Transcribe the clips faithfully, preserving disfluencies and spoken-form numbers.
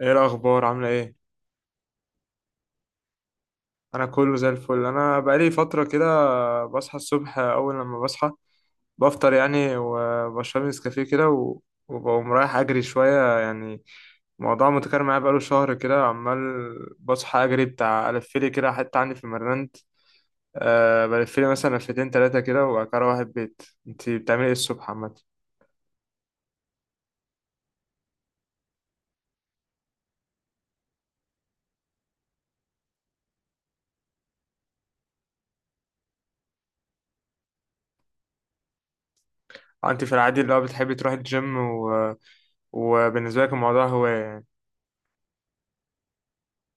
ايه الاخبار؟ عامله ايه؟ انا كله زي الفل. انا بقالي فتره كده بصحى الصبح، اول لما بصحى بفطر يعني، وبشرب لي نسكافيه كده و- وبقوم رايح اجري شويه يعني. الموضوع متكرر معايا بقاله شهر كده، عمال بصحى اجري بتاع الفلي كده، حتى عندي في المرند أه بلفلي مثلا لفتين تلاتة كده، وبعد كده اروح البيت. انت بتعملي ايه الصبح عامه؟ آه، انت في العادي اللي هو بتحبي تروحي الجيم و... وبالنسبه لك الموضوع هوايه يعني؟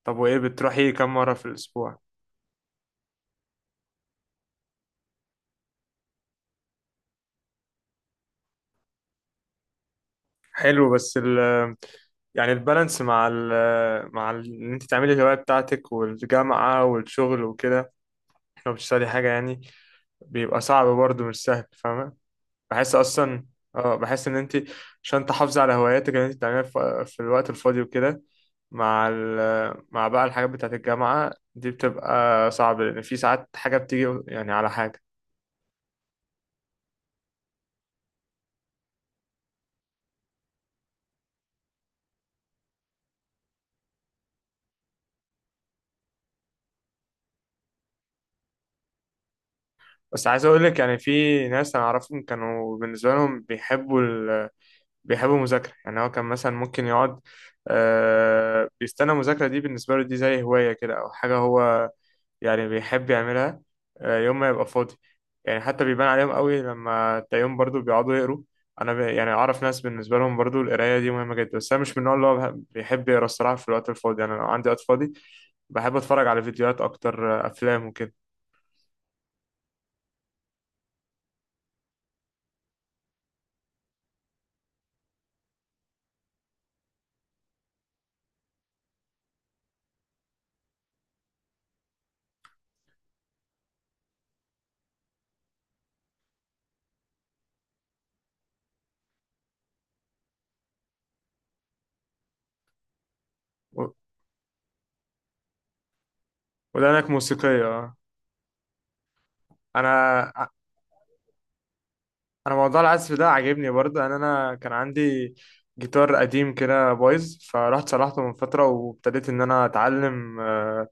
طب وايه، بتروحي كم مره في الاسبوع؟ حلو، بس ال يعني البالانس مع ال مع ال- ان انت تعملي الهواية بتاعتك والجامعة والشغل وكده، لو بتشتغلي حاجة يعني، بيبقى صعب برضه، مش سهل، فاهمة؟ بحس اصلا، اه، بحس ان انت عشان تحافظي على هواياتك اللي انت بتعمليها في في الوقت الفاضي وكده، مع ال مع بقى الحاجات بتاعت الجامعة دي بتبقى صعب، لأن في ساعات حاجة بتيجي يعني على حاجة. بس عايز أقولك، يعني في ناس أنا أعرفهم كانوا بالنسبة لهم بيحبوا بيحب المذاكرة، يعني هو كان مثلا ممكن يقعد، آه بيستنى المذاكرة دي، بالنسبة له دي زي هواية كده أو حاجة هو يعني بيحب يعملها آه يوم ما يبقى فاضي، يعني حتى بيبان عليهم قوي لما تلاقيهم برضو بيقعدوا يقروا. أنا ب... يعني أعرف ناس بالنسبة لهم برضو القراية دي مهمة جدا، بس أنا مش من النوع اللي هو بح- بيحب يقرا الصراحة في الوقت الفاضي. يعني أنا لو عندي وقت فاضي بحب أتفرج على فيديوهات أكتر، آه، أفلام وكده. و- ودانك موسيقية آه. أنا انا موضوع العزف ده عاجبني برضه. انا انا كان عندي جيتار قديم كده بايظ، فرحت صلحته من فتره وابتديت ان انا اتعلم، آه،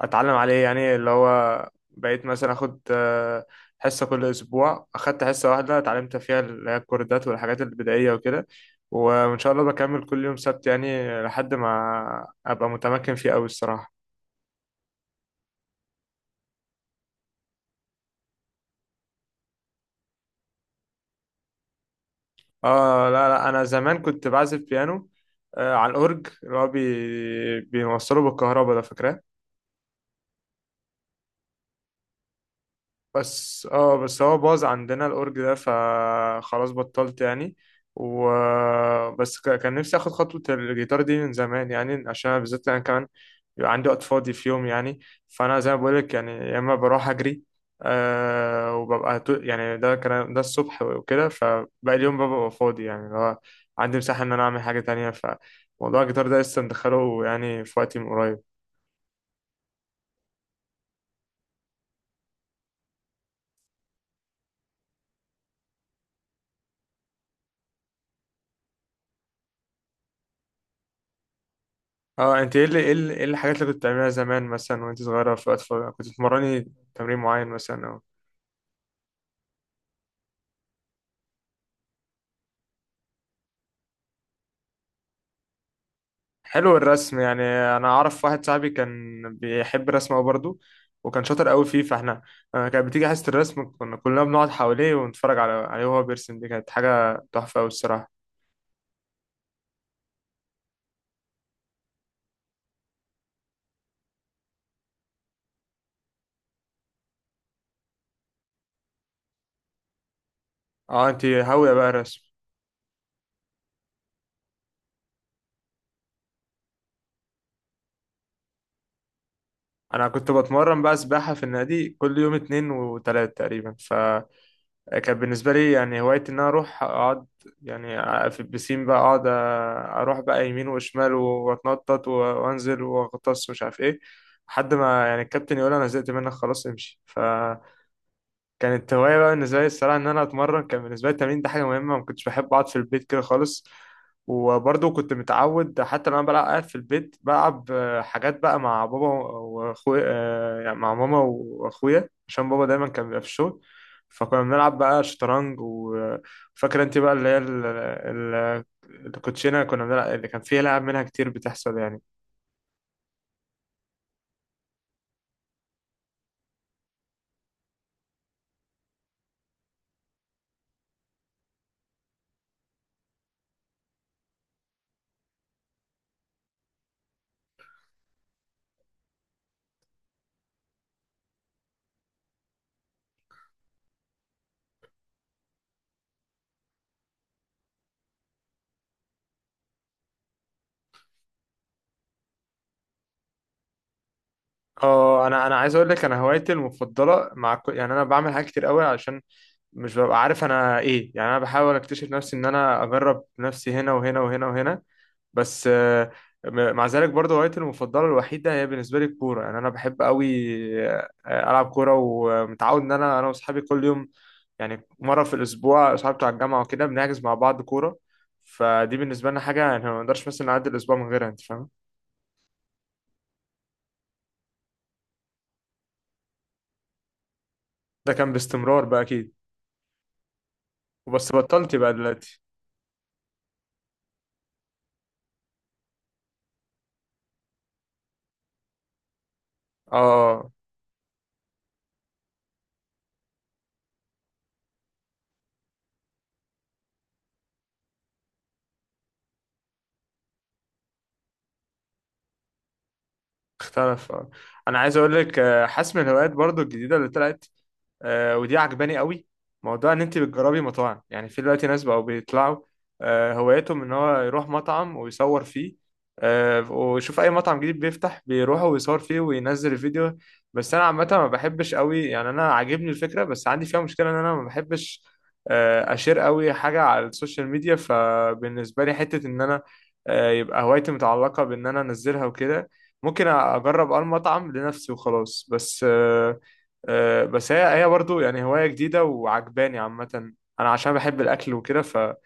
اتعلم عليه، يعني اللي هو بقيت مثلا اخد آه، حصه كل اسبوع، اخدت حصه واحده اتعلمت فيها اللي هي الكوردات والحاجات البدائيه وكده، وان شاء الله بكمل كل يوم سبت يعني لحد ما ابقى متمكن فيه قوي الصراحه. اه لا لا، انا زمان كنت بعزف بيانو، آه، على الاورج اللي هو بي... بيوصله بالكهرباء ده، فاكراه؟ بس اه، بس هو باظ عندنا الأورج ده فخلاص بطلت يعني. و بس ك- كان نفسي اخد خطوة الجيتار دي من زمان، يعني عشان بالذات انا كمان بيبقى عندي وقت فاضي في يوم يعني. فانا زي ما بقولك يعني يا اما بروح اجري، آه وببقى تو- يعني ده كان ده الصبح وكده، فباقي اليوم ببقى فاضي يعني، اللي هو عندي مساحة ان انا اعمل حاجة تانية. فموضوع الجيتار ده لسه مدخله يعني في وقتي من قريب. اه، انت ايه اللي ايه اللي ايه الحاجات اللي كنت بتعمليها زمان مثلا وانت صغيرة في وقت فراغ؟ كنت بتمرني تمرين معين مثلا او... حلو، الرسم يعني. انا اعرف واحد صاحبي كان بيحب الرسم أوي برضه، وكان شاطر قوي فيه، فاحنا، آه، كانت بتيجي حصة الرسم كنا كلنا بنقعد حواليه ونتفرج على عليه وهو بيرسم. دي كانت حاجة تحفة قوي الصراحة. اه، انت هاوية بقى الرسم. انا كنت بتمرن بقى سباحة في النادي كل يوم اتنين وتلات تقريبا، كان بالنسبة لي يعني هوايتي إن أنا أروح أقعد يعني في البسين، بقى أقعد أروح بقى يمين وشمال وأتنطط و- وأنزل وأغطس مش عارف إيه، لحد ما يعني الكابتن يقول أنا زهقت منك خلاص امشي. ف كانت هواية بقى بالنسبة لي الصراحة إن أنا أتمرن. كان بالنسبة لي التمرين ده حاجة مهمة، ما كنتش بحب أقعد في البيت كده خالص. وبرضه كنت متعود حتى لما بلعب قاعد في البيت بلعب، آه، حاجات بقى مع بابا وأخويا، آه، يعني مع ماما وأخويا، عشان بابا دايما كان بيبقى في الشغل. فكنا بنلعب بقى شطرنج و- وفاكرة أنت بقى اللي هي ال- ال- الكوتشينة. كنا بنلعب اللي كان فيها لعب منها كتير بتحصل يعني. اه، انا انا عايز اقول لك، انا هوايتي المفضله مع كل، يعني انا بعمل حاجات كتير قوي عشان مش ببقى عارف انا ايه، يعني انا بحاول اكتشف نفسي، ان انا اجرب نفسي هنا وهنا وهنا وهنا. بس آه، م- مع ذلك برضه هوايتي المفضله الوحيده هي بالنسبه لي الكوره. يعني انا بحب قوي، آه، العب كوره، ومتعود ان انا انا واصحابي كل يوم، يعني مره في الاسبوع اصحابي بتوع الجامعه وكده بنحجز مع بعض كوره. فدي بالنسبه لنا حاجه يعني ما نقدرش مثلا نعدي الاسبوع من غيرها، انت فاهم؟ ده كان باستمرار بقى اكيد. وبس بطلت بقى دلوقتي. اه آه، اختلف آه. انا عايز اقول لك، آه، حاسس من الهوايات برضو الجديده اللي طلعت، آه، ودي عجباني قوي، موضوع ان انت بتجربي مطاعم. يعني في دلوقتي ناس بقوا بيطلعوا آه، هوايتهم ان هو يروح مطعم ويصور فيه، آه، ويشوف اي مطعم جديد بيفتح بيروح ويصور فيه وينزل فيديو. بس انا عامه ما بحبش قوي، يعني انا عاجبني الفكره بس عندي فيها مشكله، ان انا ما بحبش آه، اشير قوي حاجه على السوشيال ميديا. فبالنسبه لي حته ان انا آه، يبقى هوايتي متعلقه بان انا انزلها وكده، ممكن اجرب اه المطعم لنفسي وخلاص. بس آه، آه، بس هي هي برضو يعني هواية جديدة وعجباني عامة. أنا عشان بحب الأكل وكده، فدي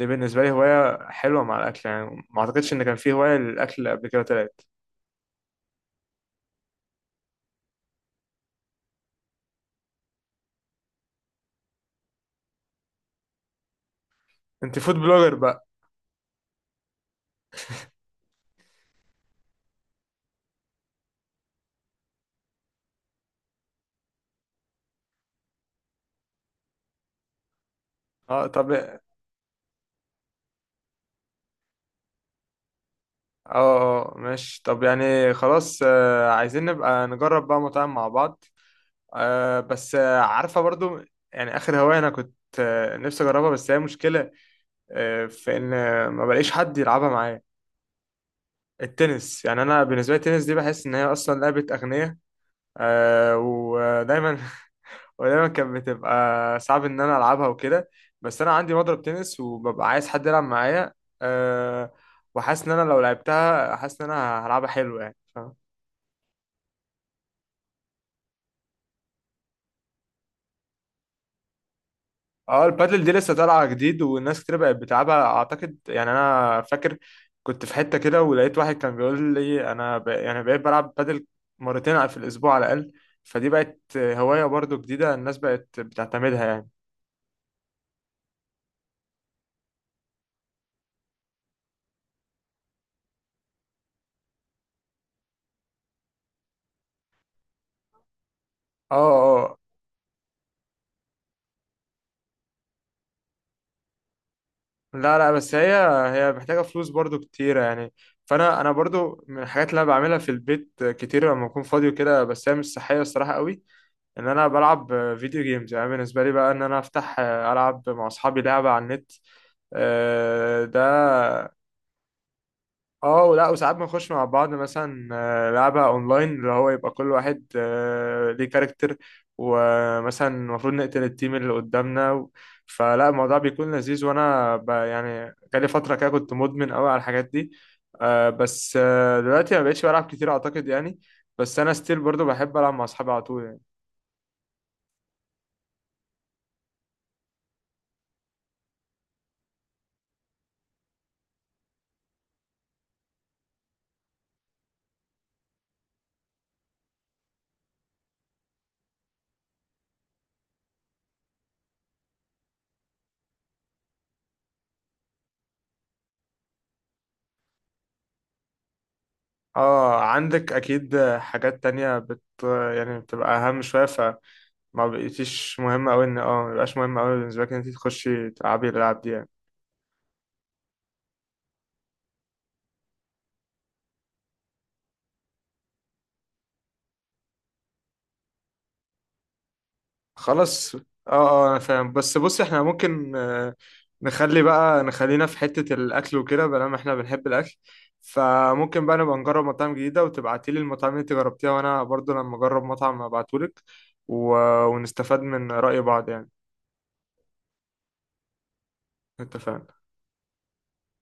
بالنسبة لي هواية حلوة مع الأكل يعني، ما أعتقدش إن كان في هواية للأكل قبل كده طلعت. أنت فود بلوجر بقى. أه طب. أه أه ماشي. طب يعني خلاص، آه، عايزين نبقى نجرب بقى مطاعم مع بعض. أه بس آه، عارفة برضو، يعني آخر هواية أنا كنت آه، نفسي أجربها، بس هي مشكلة آه، في إن آه، ما بلاقيش حد يلعبها معايا. التنس. يعني أنا بالنسبة لي التنس دي بحس إن هي أصلا لعبة أغنياء. آه ودايما ودايما كانت بتبقى صعب ان انا العبها وكده. بس انا عندي مضرب تنس وببقى عايز حد يلعب معايا، آه، وحاسس ان انا لو لعبتها، حاسس ان انا هلعبها حلو يعني، فاهم؟ اه، البادل دي لسه طالعه جديد والناس كتير بقت بتلعبها اعتقد يعني. انا فاكر كنت في حته كده ولقيت واحد كان بيقول لي انا ب... يعني بقيت بلعب بادل مرتين في الاسبوع على الاقل. فدي بقت هوايه برضو جديده، الناس بقت بتعتمدها يعني. اه آه، لا لا، بس هي، هي محتاجة فلوس برضو كتيرة يعني. فأنا أنا برضو من الحاجات اللي أنا بعملها في البيت كتير لما أكون فاضي وكده، بس هي مش صحية الصراحة قوي، إن أنا بلعب فيديو جيمز. يعني بالنسبة لي بقى، إن أنا أفتح ألعب مع أصحابي لعبة على النت، آه، ده، اه ولا، وساعات بنخش مع بعض مثلا آه، لعبة اونلاين، اللي هو يبقى كل واحد آه، ليه كاركتر، ومثلا المفروض نقتل التيم اللي قدامنا. و... فلا الموضوع بيكون لذيذ، وانا ب... يعني جالي فترة كده كنت مدمن قوي على الحاجات دي. آه، بس آه، دلوقتي ما بقتش بلعب كتير اعتقد يعني. بس انا ستيل برضو بحب العب مع اصحابي على طول يعني. اه، عندك اكيد حاجات تانية بت يعني بتبقى اهم شوية. ما بقيتيش مهم أوي إن اه ما بقاش مهم أوي بالنسبة لك إن أنت تخشي تلعبي الألعاب دي يعني. خلاص. اه، اه أنا فاهم. بس بصي، احنا ممكن آه، نخلي بقى نخلينا في حتة الأكل وكده، بلا ما احنا بنحب الأكل. فممكن بقى نبقى نجرب مطاعم جديدة، وتبعتيلي المطاعم اللي انت جربتيها، وأنا برضو لما أجرب مطعم أبعتهولك و... ونستفاد من رأي بعض يعني. اتفقنا.